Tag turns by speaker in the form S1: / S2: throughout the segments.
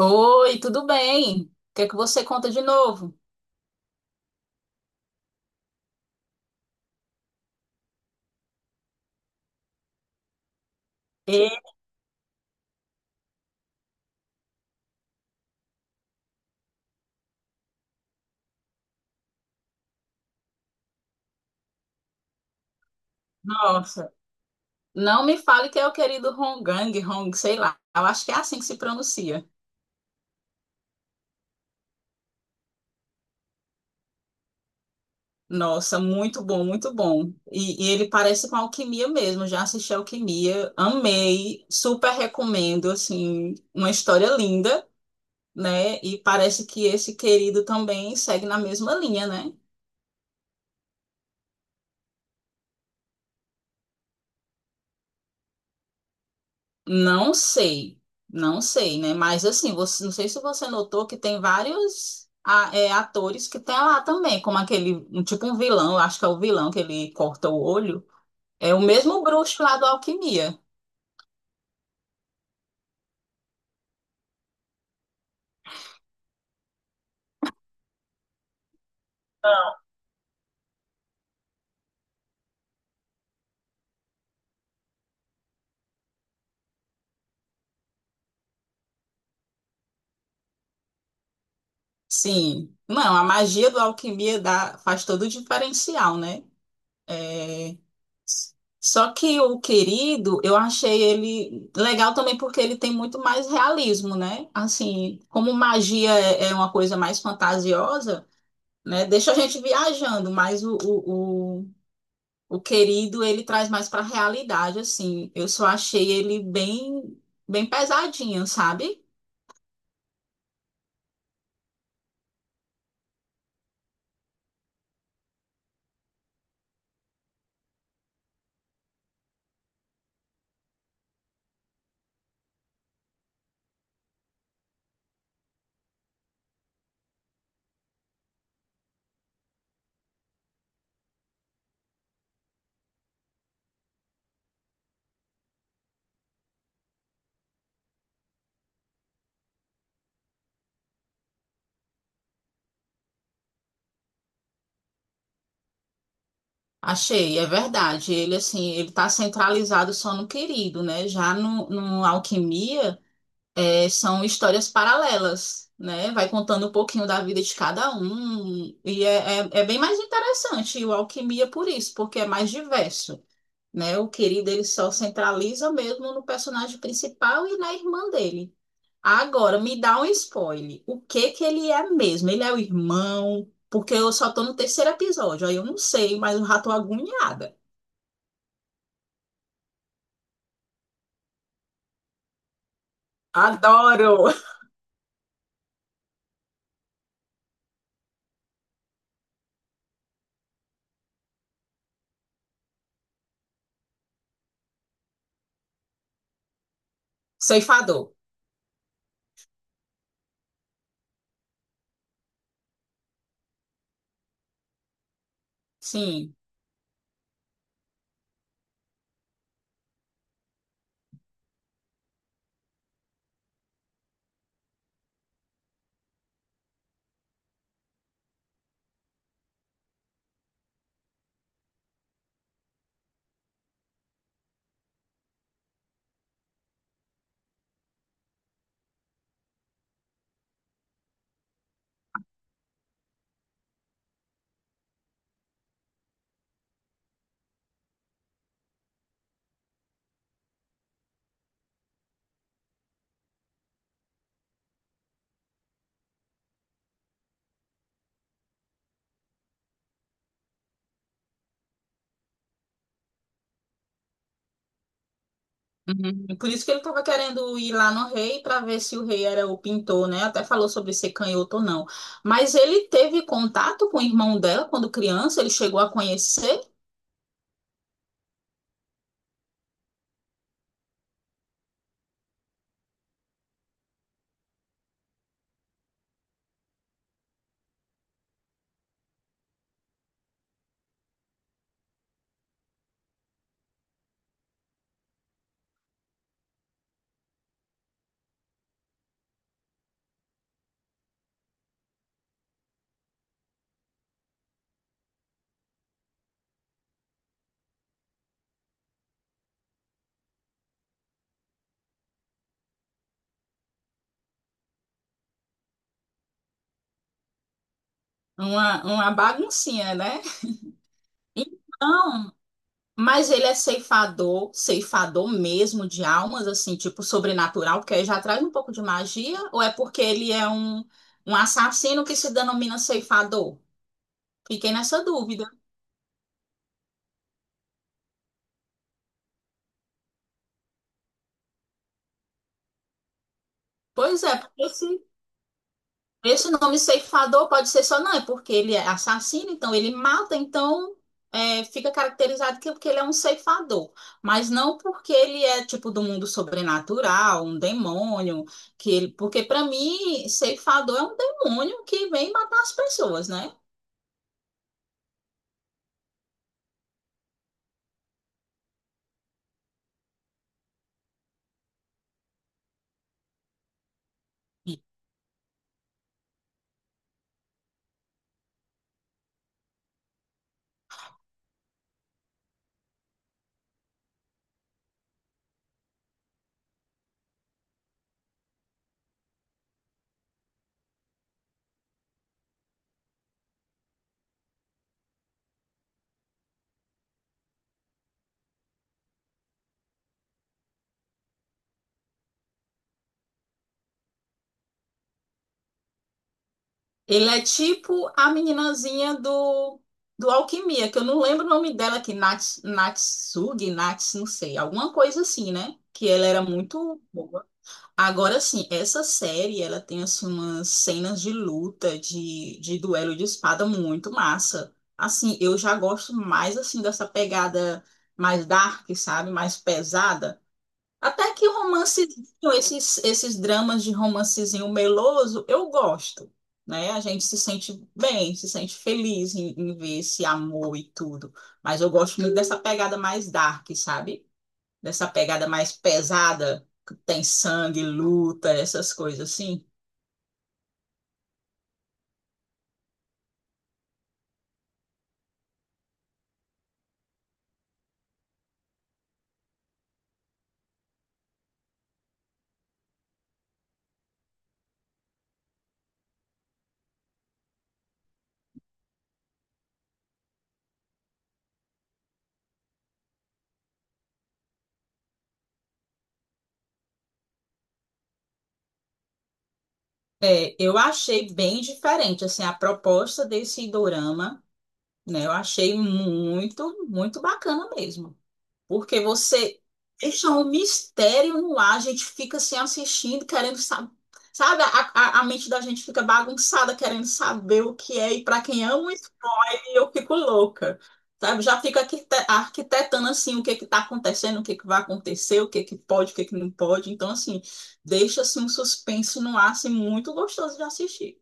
S1: Oi, tudo bem? O que é que você conta de novo? E, nossa, não me fale que é o querido Honggang, Hong, sei lá. Eu acho que é assim que se pronuncia. Nossa, muito bom, muito bom. E ele parece com Alquimia mesmo. Já assisti Alquimia, amei, super recomendo, assim, uma história linda, né? E parece que esse querido também segue na mesma linha, né? Não sei, não sei, né? Mas assim, você, não sei se você notou que tem vários é, atores que tem lá também, como aquele, um, tipo um vilão, eu acho que é o vilão que ele corta o olho. É o mesmo bruxo lá do Alquimia. Sim, não, a magia do Alquimia dá, faz todo o diferencial, né? É. Só que o querido, eu achei ele legal também porque ele tem muito mais realismo, né? Assim, como magia é uma coisa mais fantasiosa. Né? Deixa a gente viajando, mas o querido ele traz mais para a realidade, assim. Eu só achei ele bem, bem pesadinho, sabe? Achei, é verdade. Ele assim, ele tá centralizado só no querido, né? Já no Alquimia, é, são histórias paralelas, né? Vai contando um pouquinho da vida de cada um e é bem mais interessante. E o Alquimia por isso, porque é mais diverso. Né? O querido ele só centraliza mesmo no personagem principal e na irmã dele. Agora, me dá um spoiler. O que que ele é mesmo? Ele é o irmão? Porque eu só tô no terceiro episódio, aí eu não sei, mas eu já tô agoniada. Adoro! Ceifador. Sim. Uhum. Por isso que ele tava querendo ir lá no rei para ver se o rei era o pintor, né? Até falou sobre ser canhoto ou não. Mas ele teve contato com o irmão dela quando criança, ele chegou a conhecer uma baguncinha, né? Então, mas ele é ceifador, ceifador mesmo de almas, assim, tipo sobrenatural, porque aí já traz um pouco de magia, ou é porque ele é um, um assassino que se denomina ceifador? Fiquei nessa dúvida. Pois é, porque se esse nome ceifador pode ser só não, é porque ele é assassino, então ele mata, então é, fica caracterizado que porque ele é um ceifador, mas não porque ele é tipo do mundo sobrenatural, um demônio, que ele, porque para mim ceifador é um demônio que vem matar as pessoas, né? Ele é tipo a meninazinha do Alquimia, que eu não lembro o nome dela, que Nats, Natsugi, Nats, não sei, alguma coisa assim, né? Que ela era muito. Agora sim, essa série ela tem assim umas cenas de luta, de duelo de espada muito massa. Assim, eu já gosto mais assim dessa pegada mais dark, sabe? Mais pesada. Até que o romancezinho, esses dramas de romancezinho meloso, eu gosto, né? A gente se sente bem, se sente feliz em ver esse amor e tudo. Mas eu gosto muito dessa pegada mais dark, sabe? Dessa pegada mais pesada, que tem sangue, luta, essas coisas assim. É, eu achei bem diferente, assim, a proposta desse dorama, né? Eu achei muito, muito bacana mesmo. Porque você deixa um mistério no ar, a gente fica assim assistindo, querendo saber. Sabe, a mente da gente fica bagunçada, querendo saber o que é e para quem ama e eu fico louca. Sabe? Já fico arquitetando assim o que que tá acontecendo, o que que vai acontecer, o que que pode, o que que não pode. Então, assim, deixa assim, um suspense no ar assim, muito gostoso de assistir.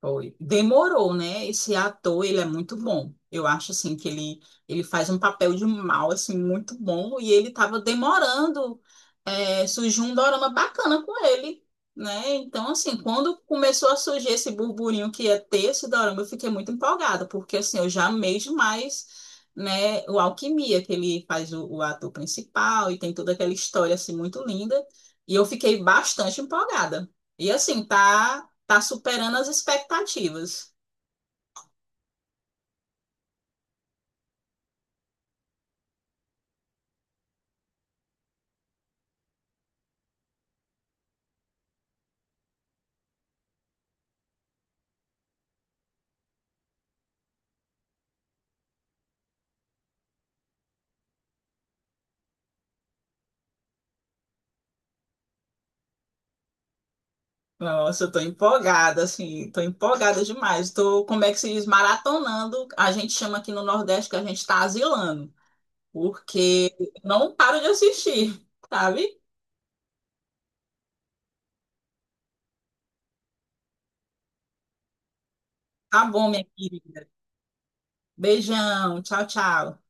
S1: Foi. Demorou, né? Esse ator, ele é muito bom. Eu acho, assim, que ele faz um papel de mal, assim, muito bom. E ele tava demorando, é, surgiu um dorama bacana com ele, né? Então, assim, quando começou a surgir esse burburinho que ia ter esse dorama, eu fiquei muito empolgada, porque, assim, eu já amei demais, né? O Alquimia, que ele faz o ator principal e tem toda aquela história, assim, muito linda. E eu fiquei bastante empolgada. E, assim, tá... Tá superando as expectativas. Nossa, eu tô empolgada, assim, tô empolgada demais. Tô, como é que se diz, maratonando. A gente chama aqui no Nordeste que a gente tá asilando, porque não paro de assistir, sabe? Tá bom, minha querida. Beijão, tchau, tchau.